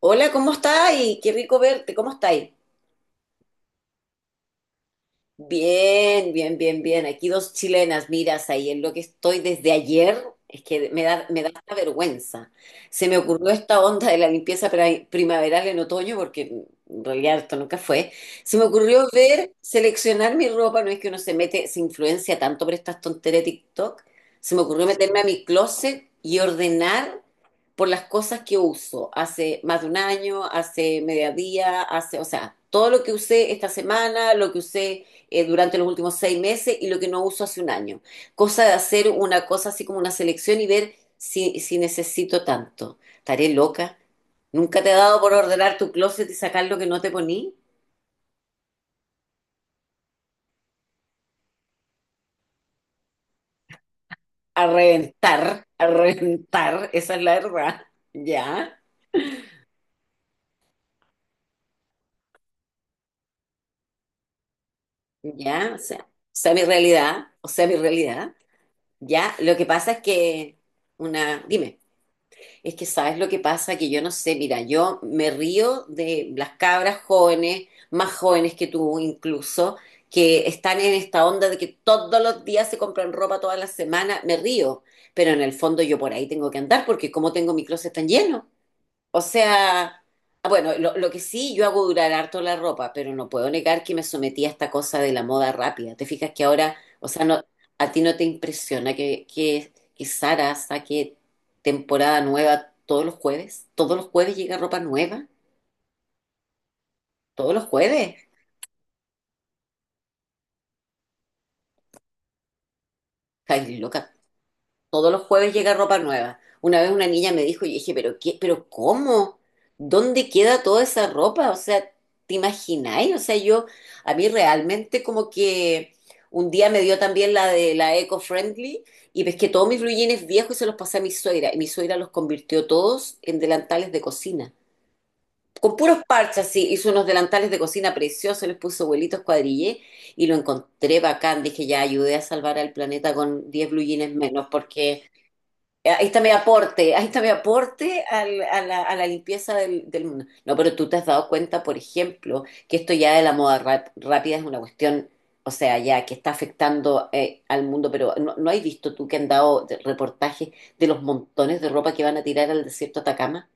Hola, ¿cómo estás? Y qué rico verte, ¿cómo estáis? Bien, bien, bien, bien. Aquí dos chilenas, miras ahí en lo que estoy desde ayer, es que me da hasta vergüenza. Se me ocurrió esta onda de la limpieza primaveral en otoño, porque en realidad esto nunca fue. Se me ocurrió ver, seleccionar mi ropa, no es que uno se mete, se influencia tanto por estas tonterías de TikTok. Se me ocurrió meterme a mi closet y ordenar por las cosas que uso hace más de un año, hace mediodía, hace, o sea, todo lo que usé esta semana, lo que usé durante los últimos 6 meses y lo que no uso hace un año. Cosa de hacer una cosa así como una selección y ver si necesito tanto. Estaré loca. ¿Nunca te ha dado por ordenar tu closet y sacar lo que no te poní? A reventar, esa es la verdad. Ya, ya, o sea, mi realidad, o sea, mi realidad. Ya, lo que pasa es que una, dime. Es que sabes lo que pasa, que yo no sé, mira, yo me río de las cabras jóvenes, más jóvenes que tú incluso, que están en esta onda de que todos los días se compran ropa todas las semanas me río, pero en el fondo yo por ahí tengo que andar porque como tengo mi closet tan lleno. O sea, ah, bueno, lo que sí, yo hago durar harto la ropa, pero no puedo negar que me sometí a esta cosa de la moda rápida. ¿Te fijas que ahora, o sea, no, a ti no te impresiona que Zara saque temporada nueva todos los jueves? ¿Todos los jueves llega ropa nueva? ¿Todos los jueves? Ay, loca, todos los jueves llega ropa nueva. Una vez una niña me dijo, y dije, pero qué, pero cómo, ¿dónde queda toda esa ropa? O sea, ¿te imagináis? O sea, yo, a mí realmente como que un día me dio también la de la eco-friendly y pesqué todos mis blue jeans viejos y se los pasé a mi suegra. Y mi suegra los convirtió todos en delantales de cocina. Con puros parches, sí, hizo unos delantales de cocina preciosos, les puso vuelitos cuadrillé y lo encontré bacán. Dije, ya ayudé a salvar al planeta con 10 blue jeans menos porque ahí está mi aporte, ahí está mi aporte a la limpieza del mundo. No, pero tú te has dado cuenta, por ejemplo, que esto ya de la moda rápida es una cuestión, o sea, ya que está afectando al mundo, pero ¿no has visto tú que han dado reportajes de los montones de ropa que van a tirar al desierto de Atacama?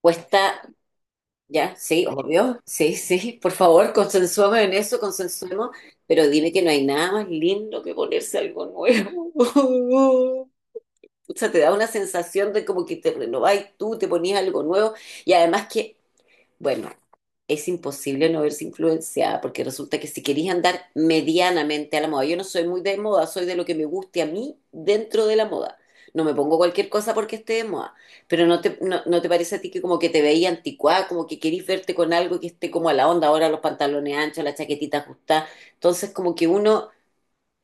Cuesta, ya, sí, obvio, sí, sí, por favor, consensuemos en eso, consensuemos, pero dime que no hay nada más lindo que ponerse algo nuevo. O sea, te da una sensación de como que te renovás tú, te ponías algo nuevo. Y además que, bueno, es imposible no verse influenciada, porque resulta que si querís andar medianamente a la moda, yo no soy muy de moda, soy de lo que me guste a mí dentro de la moda. No me pongo cualquier cosa porque esté de moda. Pero no te parece a ti que como que te veía anticuada, como que querís verte con algo que esté como a la onda, ahora los pantalones anchos, la chaquetita ajustada. Entonces como que uno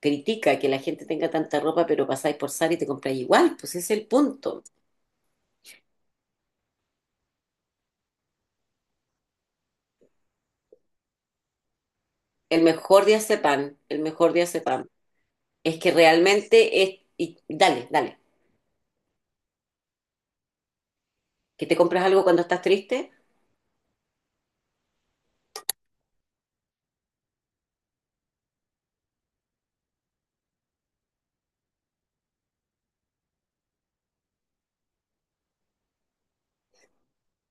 critica que la gente tenga tanta ropa, pero pasáis por Zara y te compráis igual, pues ese es el punto. El mejor de pan el mejor de pan es que realmente es, y dale, dale, que te compras algo cuando estás triste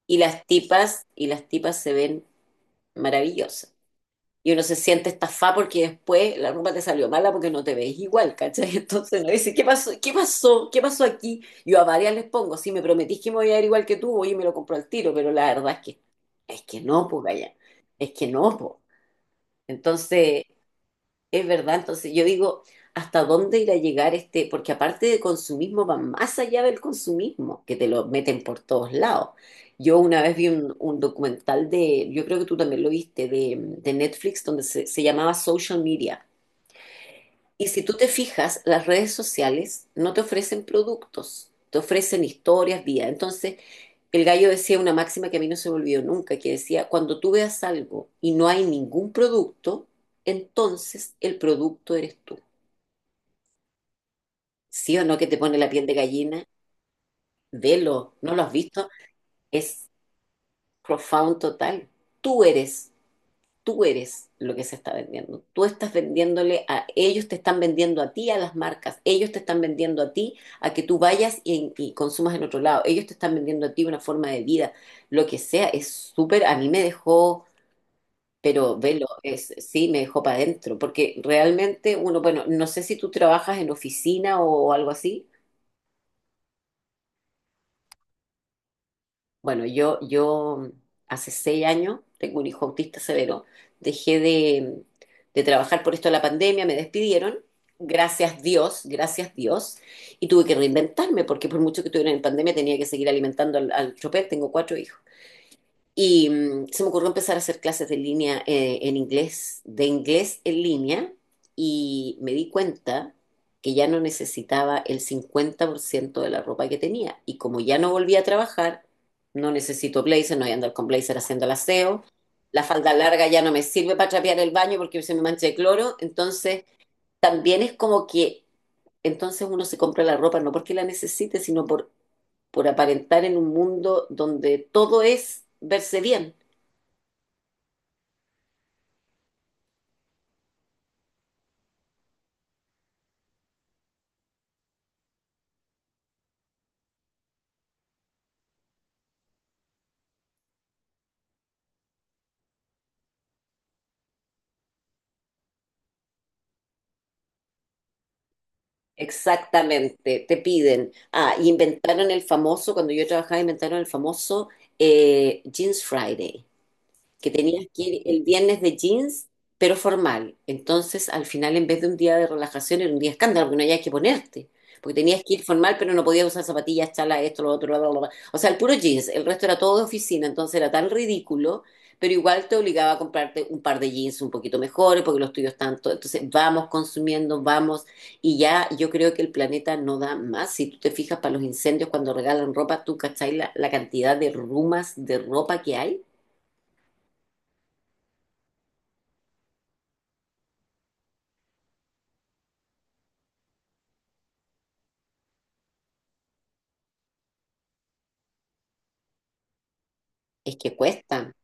y las tipas se ven maravillosas. Y uno se siente estafado porque después la ropa te salió mala porque no te ves igual, ¿cachai? Entonces uno dice, ¿qué pasó? ¿Qué pasó? ¿Qué pasó aquí? Yo a varias les pongo, si me prometís que me voy a ver igual que tú, oye, me lo compro al tiro, pero la verdad es que no, pues, vaya, es que no, pues. Entonces, es verdad, entonces yo digo, ¿hasta dónde irá a llegar este? Porque aparte de consumismo, va más allá del consumismo, que te lo meten por todos lados. Yo una vez vi un documental yo creo que tú también lo viste, de Netflix, donde se llamaba Social Media. Y si tú te fijas, las redes sociales no te ofrecen productos, te ofrecen historias, vida. Entonces, el gallo decía una máxima que a mí no se me olvidó nunca, que decía, cuando tú veas algo y no hay ningún producto, entonces el producto eres tú. ¿Sí o no que te pone la piel de gallina? Velo, ¿no lo has visto? Es profound total. Tú eres, tú eres lo que se está vendiendo. Tú estás vendiéndole a ellos, te están vendiendo a ti, a las marcas. Ellos te están vendiendo a ti, a que tú vayas y consumas en otro lado. Ellos te están vendiendo a ti una forma de vida, lo que sea. Es súper, a mí me dejó... Pero velo, es, sí, me dejó para adentro, porque realmente uno, bueno, no sé si tú trabajas en oficina o algo así. Bueno, yo hace 6 años, tengo un hijo autista severo, dejé de trabajar por esto de la pandemia, me despidieron, gracias Dios, y tuve que reinventarme, porque por mucho que estuviera en pandemia tenía que seguir alimentando al chopper, tengo cuatro hijos. Y se me ocurrió empezar a hacer clases de línea en inglés, de inglés en línea, y me di cuenta que ya no necesitaba el 50% de la ropa que tenía. Y como ya no volví a trabajar, no necesito blazer, no voy a andar con blazer haciendo el aseo. La falda larga ya no me sirve para trapear el baño porque se me mancha de cloro. Entonces, también es como que entonces uno se compra la ropa no porque la necesite, sino por aparentar en un mundo donde todo es verse bien. Exactamente, te piden. Ah, y inventaron el famoso, cuando yo trabajaba, inventaron el famoso Jeans Friday que tenías que ir el viernes de jeans, pero formal. Entonces, al final, en vez de un día de relajación, era un día de escándalo, porque no había que ponerte. Porque tenías que ir formal, pero no podías usar zapatillas, chalas, esto, lo otro, bla, bla, bla. O sea, el puro jeans, el resto era todo de oficina, entonces era tan ridículo, pero igual te obligaba a comprarte un par de jeans un poquito mejores, porque los tuyos tanto. Entonces, vamos consumiendo, vamos, y ya yo creo que el planeta no da más. Si tú te fijas para los incendios, cuando regalan ropa, tú cachai la cantidad de rumas de ropa que hay. Es que cuestan.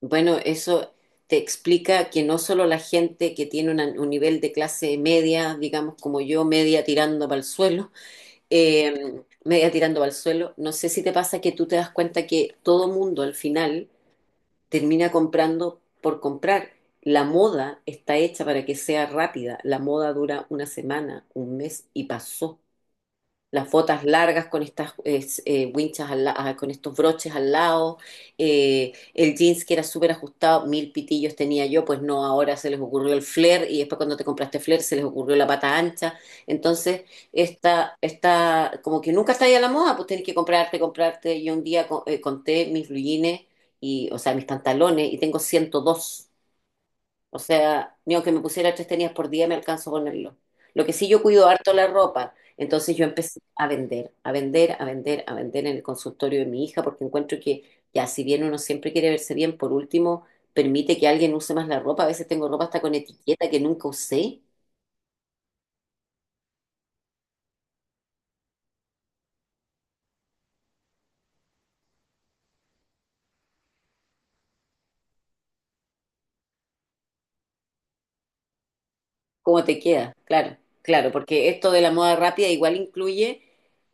Bueno, eso te explica que no solo la gente que tiene un nivel de clase media, digamos como yo, media tirando para el suelo, media tirando para el suelo, no sé si te pasa que tú te das cuenta que todo mundo al final termina comprando por comprar. La moda está hecha para que sea rápida. La moda dura una semana, un mes y pasó. Las botas largas con estas winchas con estos broches al lado, el jeans que era súper ajustado, mil pitillos tenía yo, pues no, ahora se les ocurrió el flare y después cuando te compraste flare se les ocurrió la pata ancha, entonces esta como que nunca está ahí a la moda, pues tenés que comprarte, comprarte, yo un día conté mis blue jeans y, o sea, mis pantalones y tengo 102, o sea, ni aunque me pusiera tres tenis por día me alcanzo a ponerlo. Lo que sí yo cuido harto la ropa. Entonces yo empecé a vender, a vender, a vender, a vender en el consultorio de mi hija porque encuentro que ya si bien uno siempre quiere verse bien, por último, permite que alguien use más la ropa. A veces tengo ropa hasta con etiqueta que nunca usé. ¿Cómo te queda? Claro, claro, porque esto de la moda rápida igual incluye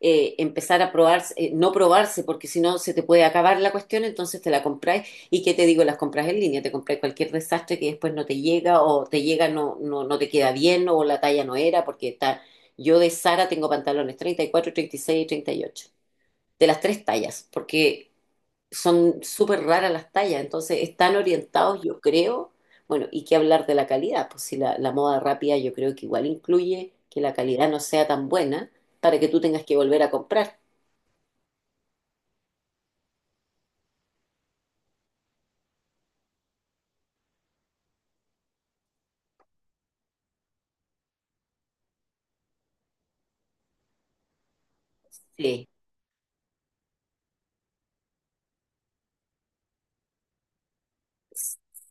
empezar a probarse, no probarse, porque si no se te puede acabar la cuestión, entonces te la compráis. ¿Y qué te digo? Las compras en línea, te compráis cualquier desastre que después no te llega o te llega, no te queda bien o la talla no era, porque está, yo de Sara tengo pantalones 34, 36 y 38, de las tres tallas, porque son súper raras las tallas, entonces están orientados, yo creo, bueno, y qué hablar de la calidad, pues si la moda rápida yo creo que igual incluye que la calidad no sea tan buena para que tú tengas que volver a comprar.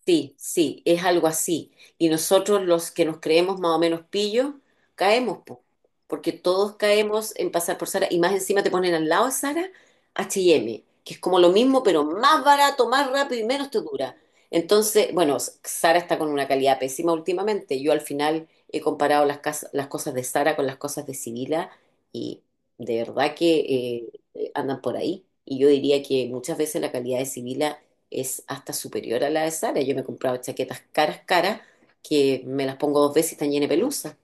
Sí, sí, es algo así. Y nosotros los que nos creemos más o menos pillos, caemos, po, porque todos caemos en pasar por Sara y más encima te ponen al lado de Sara H&M, que es como lo mismo, pero más barato, más rápido y menos te dura. Entonces, bueno, Sara está con una calidad pésima últimamente. Yo al final he comparado las cosas de Sara con las cosas de Sibila y de verdad que andan por ahí. Y yo diría que muchas veces la calidad de Sibila es hasta superior a la de Sara. Yo me he comprado chaquetas caras, caras, que me las pongo dos veces y están llenas de pelusa.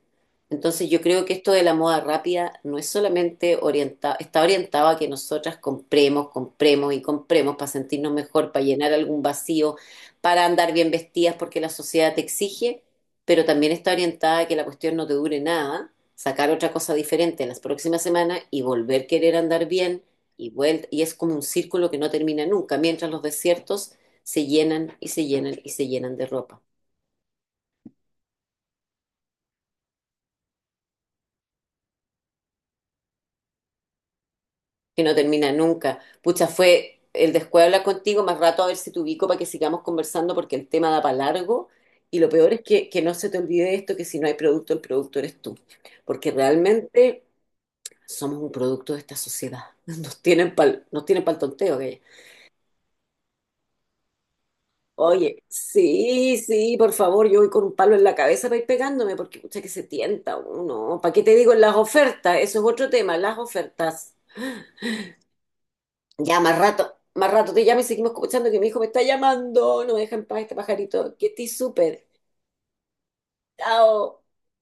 Entonces yo creo que esto de la moda rápida no es solamente orientado, está orientado a que nosotras compremos, compremos y compremos para sentirnos mejor, para llenar algún vacío, para andar bien vestidas porque la sociedad te exige, pero también está orientada a que la cuestión no te dure nada, sacar otra cosa diferente en las próximas semanas y volver a querer andar bien y vuelta, y es como un círculo que no termina nunca, mientras los desiertos se llenan y se llenan y se llenan de ropa, que no termina nunca. Pucha, fue el descuido hablar contigo más rato a ver si te ubico para que sigamos conversando porque el tema da para largo y lo peor es que no se te olvide esto, que si no hay producto, el producto eres tú, porque realmente somos un producto de esta sociedad. Nos tienen pa'l tonteo, gallo. Oye, sí, sí, por favor, yo voy con un palo en la cabeza para ir pegándome, porque escucha que se tienta uno. ¿Para qué te digo en las ofertas? Eso es otro tema, las ofertas. Ya, más rato te llamo y seguimos escuchando que mi hijo me está llamando. No me deja en paz este pajarito. Que estoy súper. Chao.